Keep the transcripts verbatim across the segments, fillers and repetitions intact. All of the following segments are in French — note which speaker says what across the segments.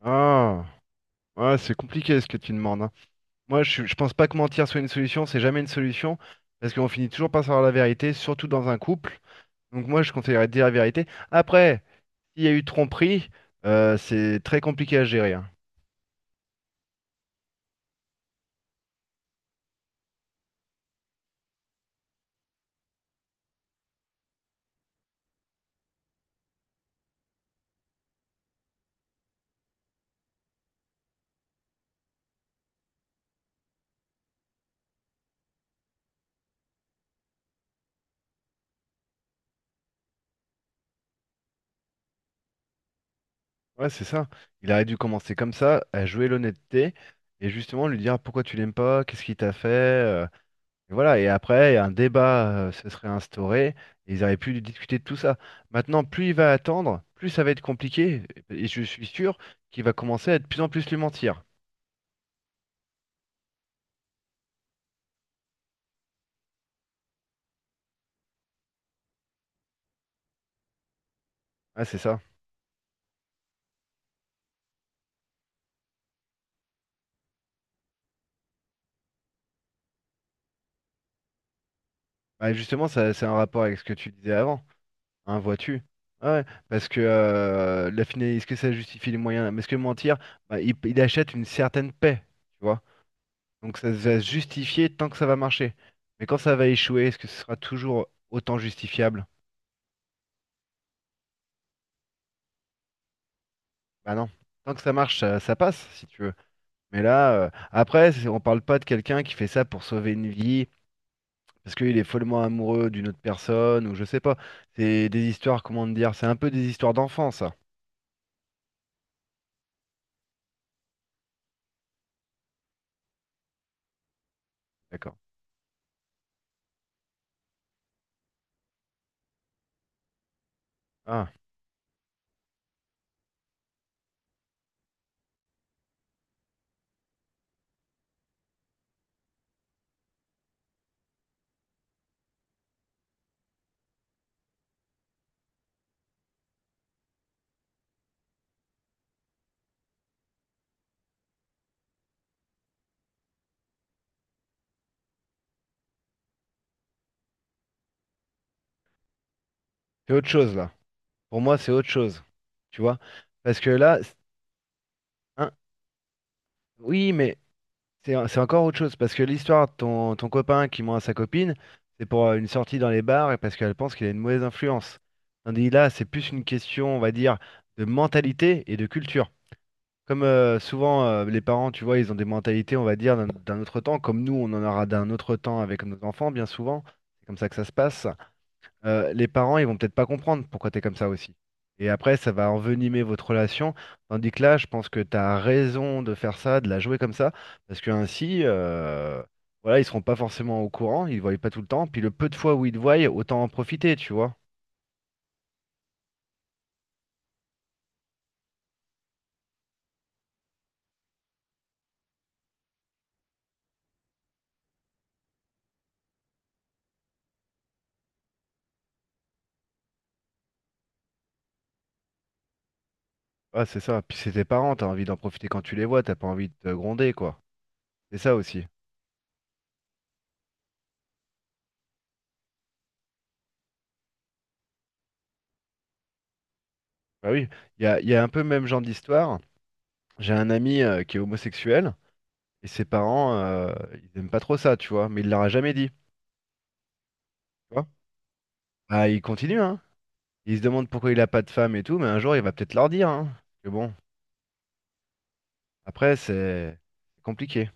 Speaker 1: Ah, ouais, c'est compliqué ce que tu demandes, hein. Moi, je, suis- je pense pas que mentir soit une solution, c'est jamais une solution, parce qu'on finit toujours par savoir la vérité, surtout dans un couple. Donc moi, je conseillerais de dire la vérité. Après, s'il y a eu tromperie, euh, c'est très compliqué à gérer, hein. Ouais, c'est ça. Il aurait dû commencer comme ça, à jouer l'honnêteté, et justement lui dire pourquoi tu l'aimes pas, qu'est-ce qu'il t'a fait. euh, Et voilà, et après, un débat euh, se serait instauré, et ils auraient pu discuter de tout ça. Maintenant, plus il va attendre, plus ça va être compliqué, et je suis sûr qu'il va commencer à de plus en plus lui mentir. Ah, c'est ça. Bah, justement, ça, c'est un rapport avec ce que tu disais avant, hein, vois-tu? Ouais, ouais, parce que euh, la finalité, est-ce que ça justifie les moyens? Mais est-ce que mentir, bah, il, il achète une certaine paix, tu vois? Donc ça va se justifier tant que ça va marcher. Mais quand ça va échouer, est-ce que ce sera toujours autant justifiable? Bah non, tant que ça marche, ça, ça passe, si tu veux. Mais là, euh, après, c'est- on parle pas de quelqu'un qui fait ça pour sauver une vie, parce qu'il est follement amoureux d'une autre personne, ou je sais pas. C'est des histoires, comment te dire, c'est un peu des histoires d'enfants, ça. D'accord. Ah, c'est autre chose, là. Pour moi, c'est autre chose. Tu vois? Parce que là, c'est- hein, oui, mais C'est c'est encore autre chose, parce que l'histoire de ton, ton copain qui ment à sa copine, c'est pour euh, une sortie dans les bars et parce qu'elle pense qu'il a une mauvaise influence. Tandis là, c'est plus une question, on va dire, de mentalité et de culture. Comme euh, souvent, euh, les parents, tu vois, ils ont des mentalités, on va dire, d'un d'un autre temps, comme nous, on en aura d'un autre temps avec nos enfants, bien souvent. C'est comme ça que ça se passe euh, Les parents, ils vont peut-être pas comprendre pourquoi tu es comme ça aussi. Et après, ça va envenimer votre relation. Tandis que là, je pense que tu as raison de faire ça, de la jouer comme ça, parce que ainsi, euh, voilà, ils seront pas forcément au courant, ils ne voient pas tout le temps. Puis le peu de fois où ils te voient, autant en profiter, tu vois. Ah, c'est ça. Puis c'est tes parents, t'as envie d'en profiter quand tu les vois, t'as pas envie de te gronder, quoi. C'est ça aussi. Bah oui, il y a, il y a un peu le même genre d'histoire. J'ai un ami euh, qui est homosexuel, et ses parents, euh, ils aiment pas trop ça, tu vois, mais il leur a jamais dit, tu vois. Ah, il continue, hein. Il se demande pourquoi il a pas de femme et tout, mais un jour, il va peut-être leur dire, hein. Que bon, après, c'est c'est compliqué.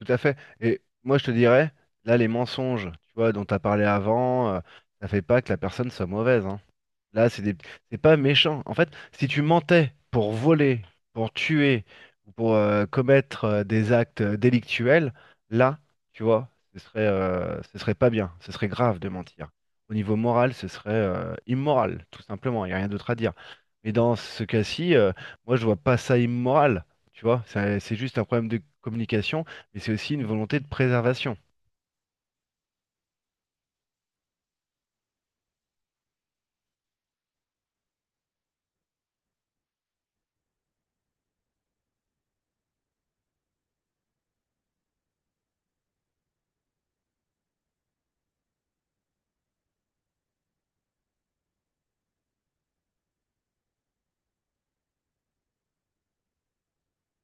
Speaker 1: Tout à fait. Et moi, je te dirais, là, les mensonges, tu vois, dont tu as parlé avant, euh, ça fait pas que la personne soit mauvaise, hein. Là, c'est des... c'est pas méchant. En fait, si tu mentais pour voler, pour tuer, ou pour euh, commettre euh, des actes euh, délictuels, là, tu vois, ce serait, euh, ce serait pas bien, ce serait grave de mentir. Au niveau moral, ce serait euh, immoral, tout simplement. Il n'y a rien d'autre à dire. Mais dans ce cas-ci, euh, moi, je vois pas ça immoral. Tu vois, Ça- c'est juste un problème de communication, mais c'est aussi une volonté de préservation.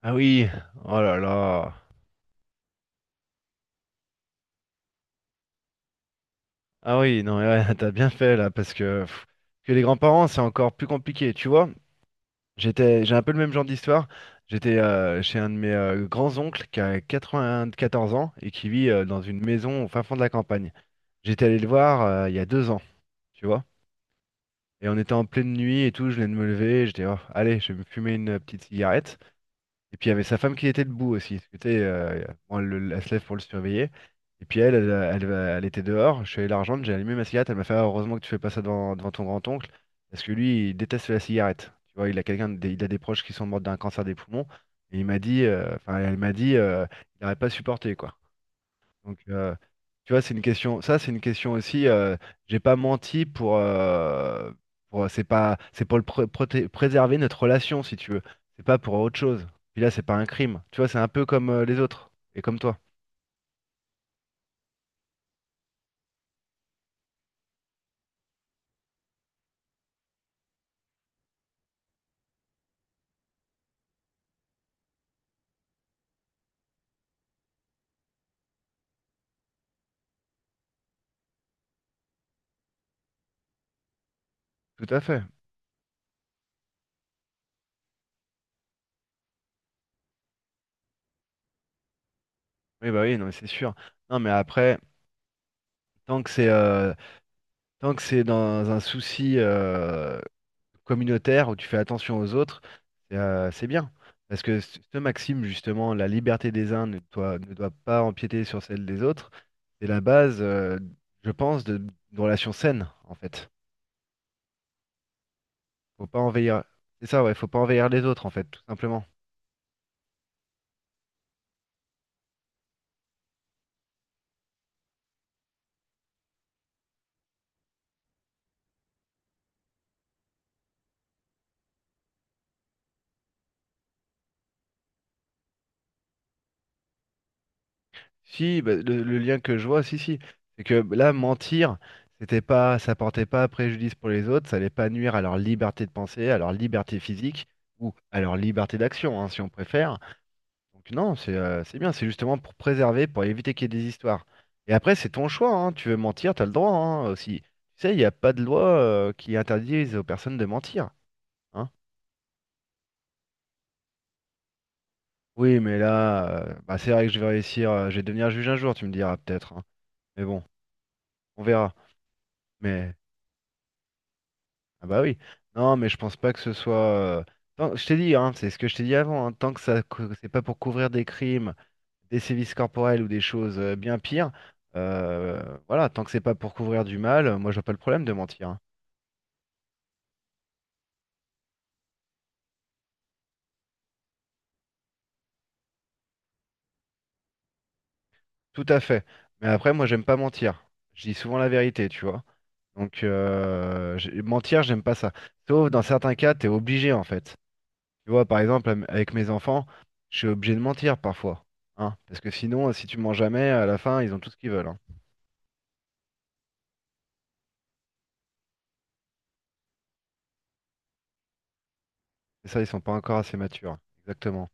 Speaker 1: Ah oui, oh là là. Ah oui, non, ouais, t'as bien fait là, parce que, pff, que les grands-parents, c'est encore plus compliqué, tu vois. J'étais, j'ai un peu le même genre d'histoire. J'étais euh, chez un de mes euh, grands-oncles qui a quatre-vingt-quatorze ans et qui vit euh, dans une maison au fin fond de la campagne. J'étais allé le voir euh, il y a deux ans, tu vois. Et on était en pleine nuit et tout, je venais de me lever, j'étais, oh, allez, je vais me fumer une petite cigarette. Et puis il y avait sa femme qui était debout aussi, parce que, tu sais, euh, bon, elle, le- elle se lève pour le surveiller. Et puis elle, elle, elle, elle était dehors. Je suis allé la rejoindre, j'ai allumé ma cigarette. Elle m'a fait: ah, heureusement que tu fais pas ça devant, devant ton grand-oncle. Parce que lui, il déteste la cigarette. Tu vois, il a quelqu'un, des- il a des proches qui sont morts d'un cancer des poumons. Et il m'a dit, euh, enfin, elle m'a dit, euh, il n'aurait pas supporté, quoi. Donc, euh, tu vois, c'est une question. Ça, c'est une question aussi. Euh, j'ai pas menti pour. Euh, pour- euh, c'est pas. C'est pour le pr- proté- préserver notre relation, si tu veux. C'est pas pour autre chose. Puis là, c'est pas un crime. Tu vois, c'est un peu comme euh, les autres et comme toi. Tout à fait. Oui, bah oui, non, mais c'est sûr. Non, mais après, tant que c'est euh, tant que c'est dans un souci, euh, communautaire où tu fais attention aux autres, c'est euh, c'est bien. Parce que ce ce maxime, justement, la liberté des uns ne doit, ne doit pas empiéter sur celle des autres, c'est la base, euh, je pense, de- d'une relation saine, en fait. Faut pas envahir. C'est ça, ouais, faut pas envahir les autres, en fait, tout simplement. Si, bah, le, le lien que je vois, si, si, c'est que là, mentir, c'était pas, ça portait pas préjudice pour les autres, ça allait pas nuire à leur liberté de penser, à leur liberté physique, ou à leur liberté d'action, hein, si on préfère. Donc non, c'est euh, c'est bien, c'est justement pour préserver, pour éviter qu'il y ait des histoires. Et après, c'est ton choix, hein. Tu veux mentir, t'as le droit, hein, aussi. Tu sais, il n'y a pas de loi euh, qui interdise aux personnes de mentir, hein. Oui, mais là, euh, bah, c'est vrai que je vais réussir, euh, je vais devenir juge un jour, tu me diras peut-être, hein. Mais bon, on verra. Mais Ah bah oui. Non, mais je pense pas que ce soit. euh, tant- Je t'ai dit, hein, c'est ce que je t'ai dit avant, hein, tant que ça, cou- c'est pas pour couvrir des crimes, des sévices corporels ou des choses euh, bien pires, euh, voilà, tant que c'est pas pour couvrir du mal, euh, moi je vois pas le problème de mentir, hein. Tout à fait. Mais après, moi j'aime pas mentir. Je dis souvent la vérité, tu vois. Donc euh, j'ai- mentir, j'aime pas ça. Sauf dans certains cas, t'es obligé en fait. Tu vois, par exemple, am- avec mes enfants, je suis obligé de mentir parfois. Hein, parce que sinon, euh, si tu mens jamais, à la fin, ils ont tout ce qu'ils veulent, hein. C'est ça, ils sont pas encore assez matures. Exactement.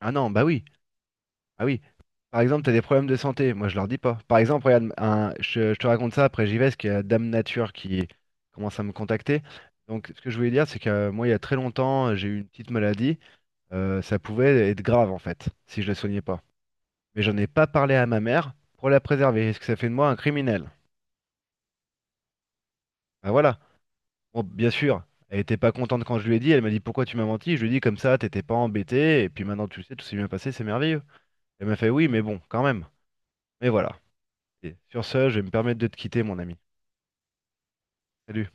Speaker 1: Ah non, bah oui. Ah oui. Par exemple, t'as des problèmes de santé. Moi, je leur dis pas. Par exemple, regarde, un- je, je te raconte ça, après j'y vais, parce qu'il y a Dame Nature qui commence à me contacter. Donc, ce que je voulais dire, c'est que euh, moi, il y a très longtemps, j'ai eu une petite maladie. Euh, ça pouvait être grave, en fait, si je la soignais pas. Mais j'en ai pas parlé à ma mère pour la préserver. Est-ce que ça fait de moi un criminel? Bah voilà. Bon, bien sûr, elle était pas contente quand je lui ai dit. Elle m'a dit, pourquoi tu m'as menti? Je lui ai dit, comme ça, t'étais pas embêté. Et puis maintenant, tu le sais, tout s'est bien passé, c'est merveilleux. Elle m'a fait oui, mais bon, quand même. Mais voilà. Et sur ce, je vais me permettre de te quitter, mon ami. Salut.